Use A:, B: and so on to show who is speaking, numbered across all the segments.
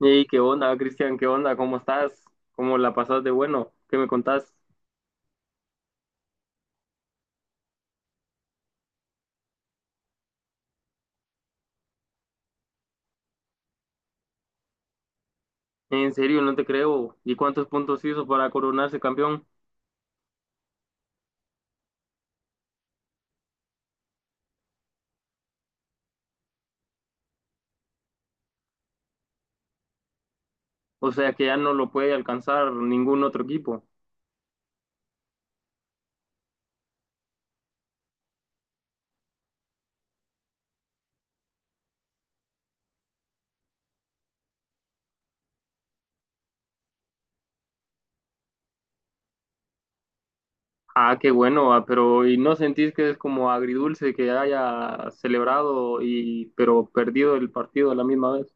A: Hey, ¿qué onda, Cristian? ¿Qué onda? ¿Cómo estás? ¿Cómo la pasás de ¿qué me contás? En serio, no te creo. ¿Y cuántos puntos hizo para coronarse campeón? O sea que ya no lo puede alcanzar ningún otro equipo. Ah, qué bueno, ah, pero ¿y no sentís que es como agridulce que haya celebrado y pero perdido el partido a la misma vez?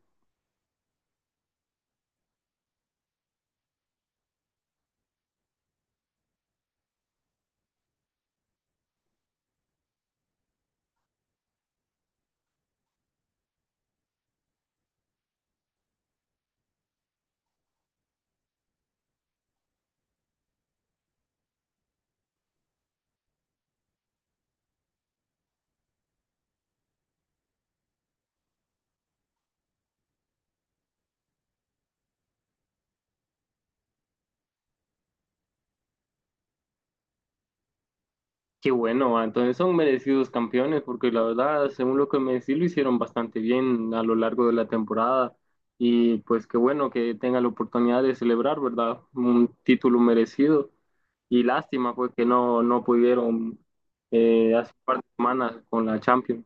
A: Qué bueno, ah, entonces son merecidos campeones, porque la verdad, según lo que me decís, lo hicieron bastante bien a lo largo de la temporada. Y pues qué bueno que tengan la oportunidad de celebrar, ¿verdad? Un título merecido. Y lástima, pues, que no pudieron hace un par de semanas con la Champions.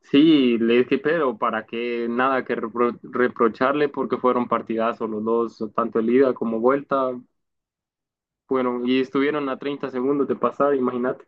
A: Sí, le dije, pero para qué nada que reprocharle, porque fueron partidazos los dos, tanto el ida como vuelta. Fueron, y estuvieron a 30 segundos de pasar, imagínate.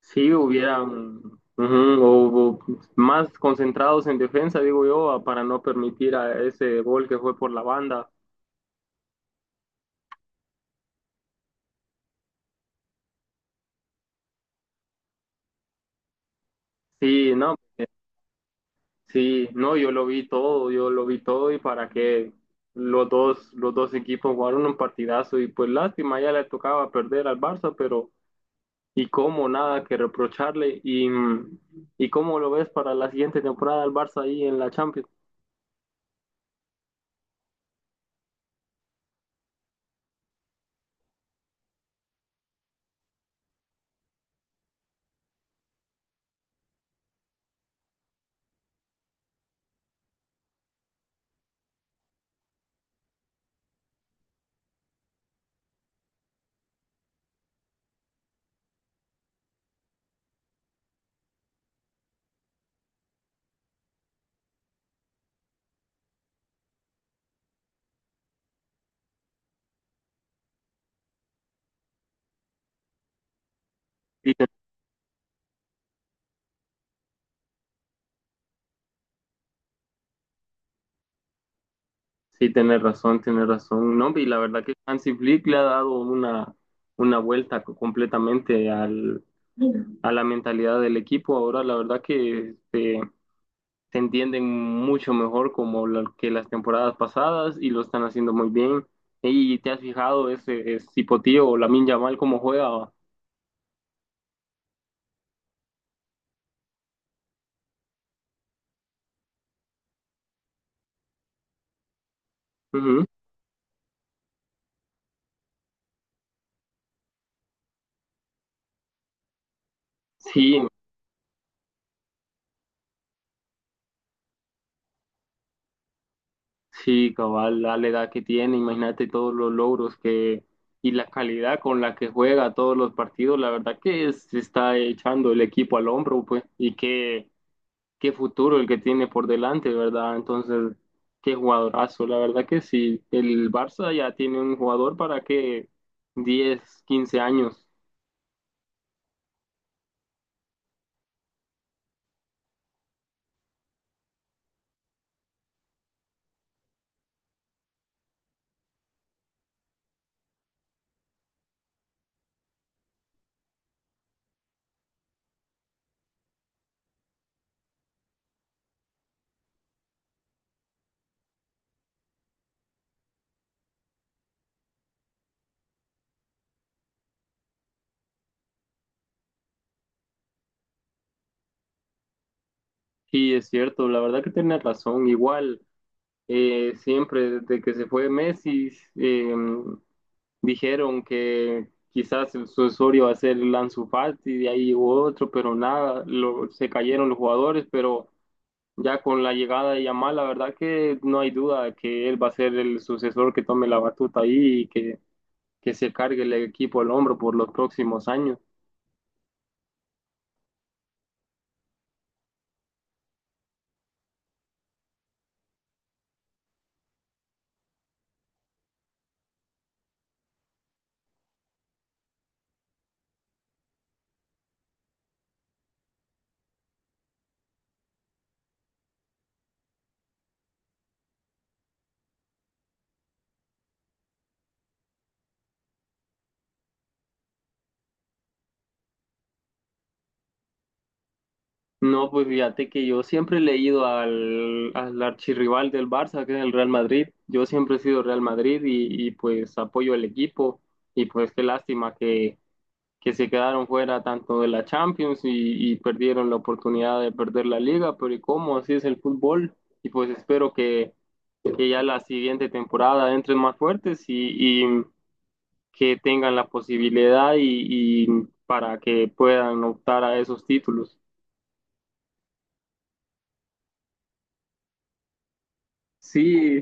A: Sí, hubieran ujú, o más concentrados en defensa, digo yo, para no permitir a ese gol que fue por la banda. Sí, no, sí, no, yo lo vi todo, yo lo vi todo y para que los dos equipos jugaron un partidazo y pues lástima, ya le tocaba perder al Barça, pero y cómo nada que reprocharle y cómo lo ves para la siguiente temporada al Barça ahí en la Champions. Sí, tienes razón, tienes razón. No, y la verdad que Hansi Flick le ha dado una vuelta completamente al, a la mentalidad del equipo. Ahora, la verdad que se entienden mucho mejor como que las temporadas pasadas y lo están haciendo muy bien. Y te has fijado ese, ese Cipotí o Lamine Yamal cómo juega. Ujú. Sí, Sí, cabal, la edad que tiene, imagínate todos los logros que y la calidad con la que juega todos los partidos, la verdad que se está echando el equipo al hombro, pues, y qué, qué futuro el que tiene por delante, ¿verdad? Entonces, qué jugadorazo, la verdad que sí, el Barça ya tiene un jugador para que 10 15 años, sí es cierto, la verdad que tiene razón, igual, siempre desde que se fue Messi, eh, dijeron que quizás el sucesorio va a ser el Ansu Fati, de ahí hubo otro, pero nada, se cayeron los jugadores, pero ya con la llegada de Yamal, la verdad que no hay duda de que él va a ser el sucesor que tome la batuta ahí y que se cargue el equipo al hombro por los próximos años. No, pues fíjate que yo siempre he leído al, al archirrival del Barça, que es el Real Madrid. Yo siempre he sido Real Madrid y pues apoyo el equipo y pues qué lástima que se quedaron fuera tanto de la Champions y perdieron la oportunidad de perder la liga, pero ¿y cómo? Así es el fútbol. Y pues espero que ya la siguiente temporada entren más fuertes y que tengan la posibilidad y para que puedan optar a esos títulos. Sí,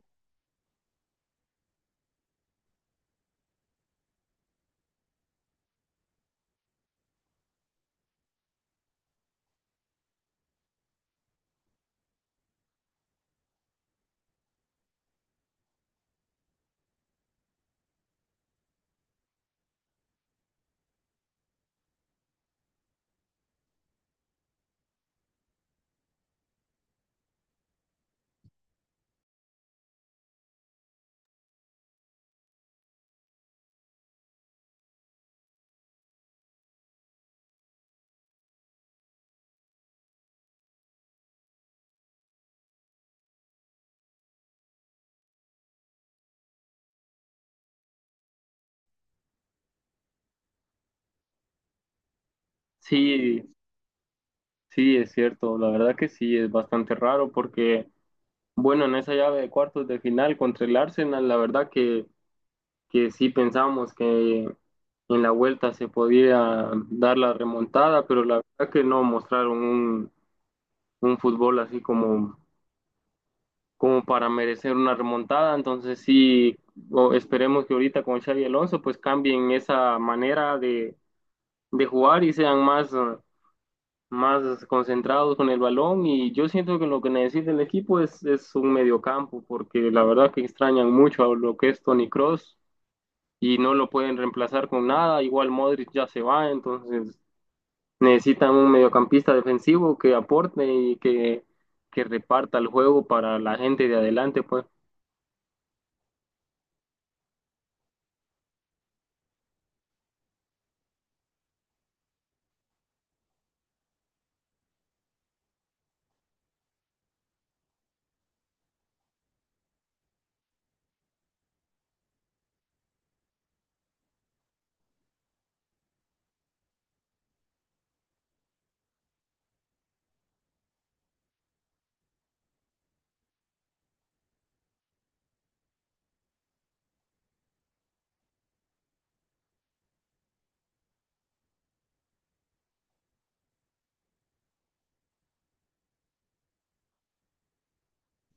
A: sí, sí, es cierto. La verdad que sí, es bastante raro porque, bueno, en esa llave de cuartos de final contra el Arsenal, la verdad que sí pensamos que en la vuelta se podía dar la remontada, pero la verdad que no mostraron un fútbol así como, como para merecer una remontada. Entonces sí, esperemos que ahorita con Xavi Alonso pues cambien esa manera de jugar y sean más, más concentrados con el balón. Y yo siento que lo que necesita el equipo es un mediocampo, porque la verdad que extrañan mucho a lo que es Toni Kroos. Y no lo pueden reemplazar con nada. Igual Modric ya se va, entonces necesitan un mediocampista defensivo que aporte y que reparta el juego para la gente de adelante, pues.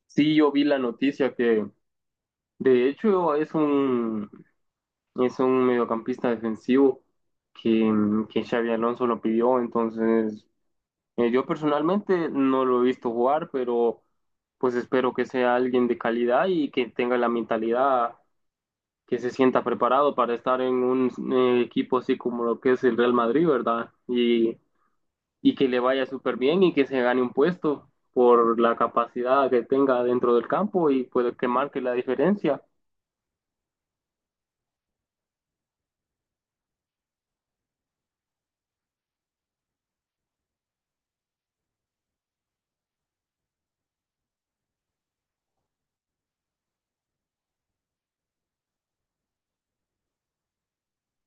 A: Sí, yo vi la noticia que de hecho es un mediocampista defensivo que, que Xavi Alonso lo pidió, entonces yo personalmente no lo he visto jugar, pero pues espero que sea alguien de calidad y que tenga la mentalidad que se sienta preparado para estar en un equipo así como lo que es el Real Madrid, ¿verdad? Y que le vaya súper bien y que se gane un puesto por la capacidad que tenga dentro del campo y puede que marque la diferencia.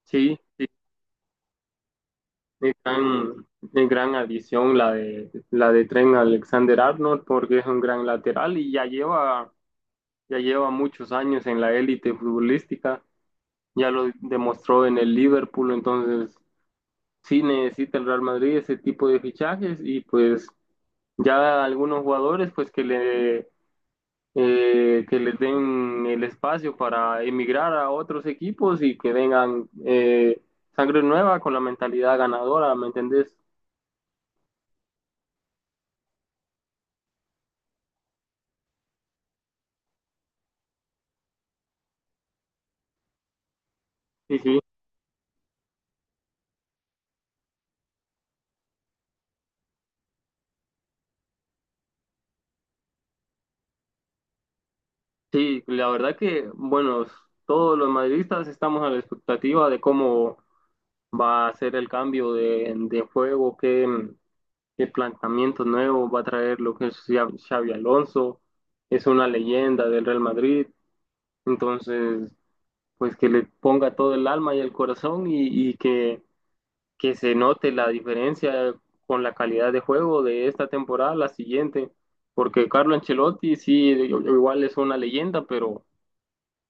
A: Sí, sí, es gran, es gran adición la de Trent Alexander-Arnold porque es un gran lateral y ya lleva muchos años en la élite futbolística, ya lo demostró en el Liverpool, entonces sí necesita el Real Madrid ese tipo de fichajes y pues ya algunos jugadores pues que le que les den el espacio para emigrar a otros equipos y que vengan sangre nueva con la mentalidad ganadora, ¿me entendés? Sí, sí. Sí, la verdad que, bueno, todos los madridistas estamos a la expectativa de cómo va a hacer el cambio de juego, qué, qué planteamientos nuevos va a traer lo que es Xavi Alonso, es una leyenda del Real Madrid, entonces pues que le ponga todo el alma y el corazón y que se note la diferencia con la calidad de juego de esta temporada a la siguiente, porque Carlo Ancelotti sí, igual es una leyenda, pero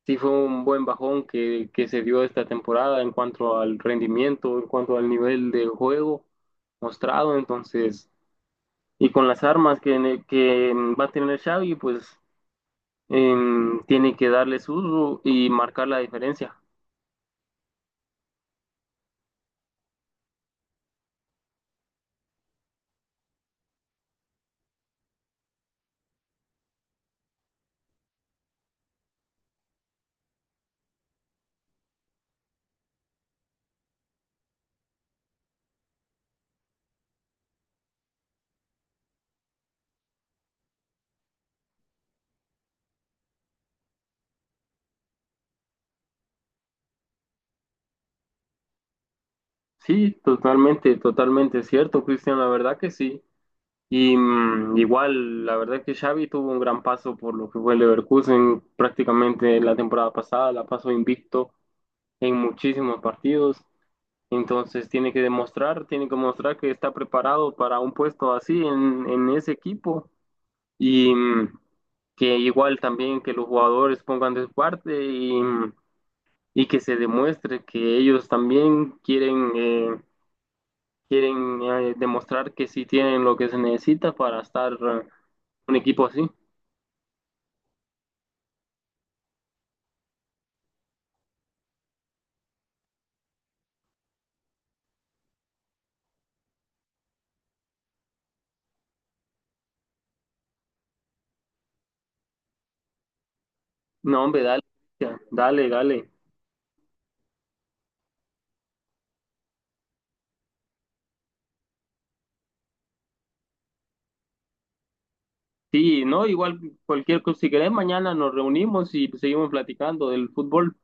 A: sí fue un buen bajón que se dio esta temporada en cuanto al rendimiento, en cuanto al nivel del juego mostrado, entonces, y con las armas que, que va a tener Xavi, pues tiene que darle su uso y marcar la diferencia. Sí, totalmente, totalmente cierto, Cristian, la verdad que sí. Y mm, igual, la verdad que Xavi tuvo un gran paso por lo que fue el Leverkusen prácticamente la temporada pasada, la pasó invicto en muchísimos partidos. Entonces tiene que demostrar, tiene que mostrar que está preparado para un puesto así en ese equipo y mm, que igual también que los jugadores pongan de su parte y, mm, y que se demuestre que ellos también quieren, quieren demostrar que sí tienen lo que se necesita para estar un equipo así. No, hombre, dale, ya, dale, dale. Sí, no, igual cualquier cosa, si querés, mañana nos reunimos y seguimos platicando del fútbol.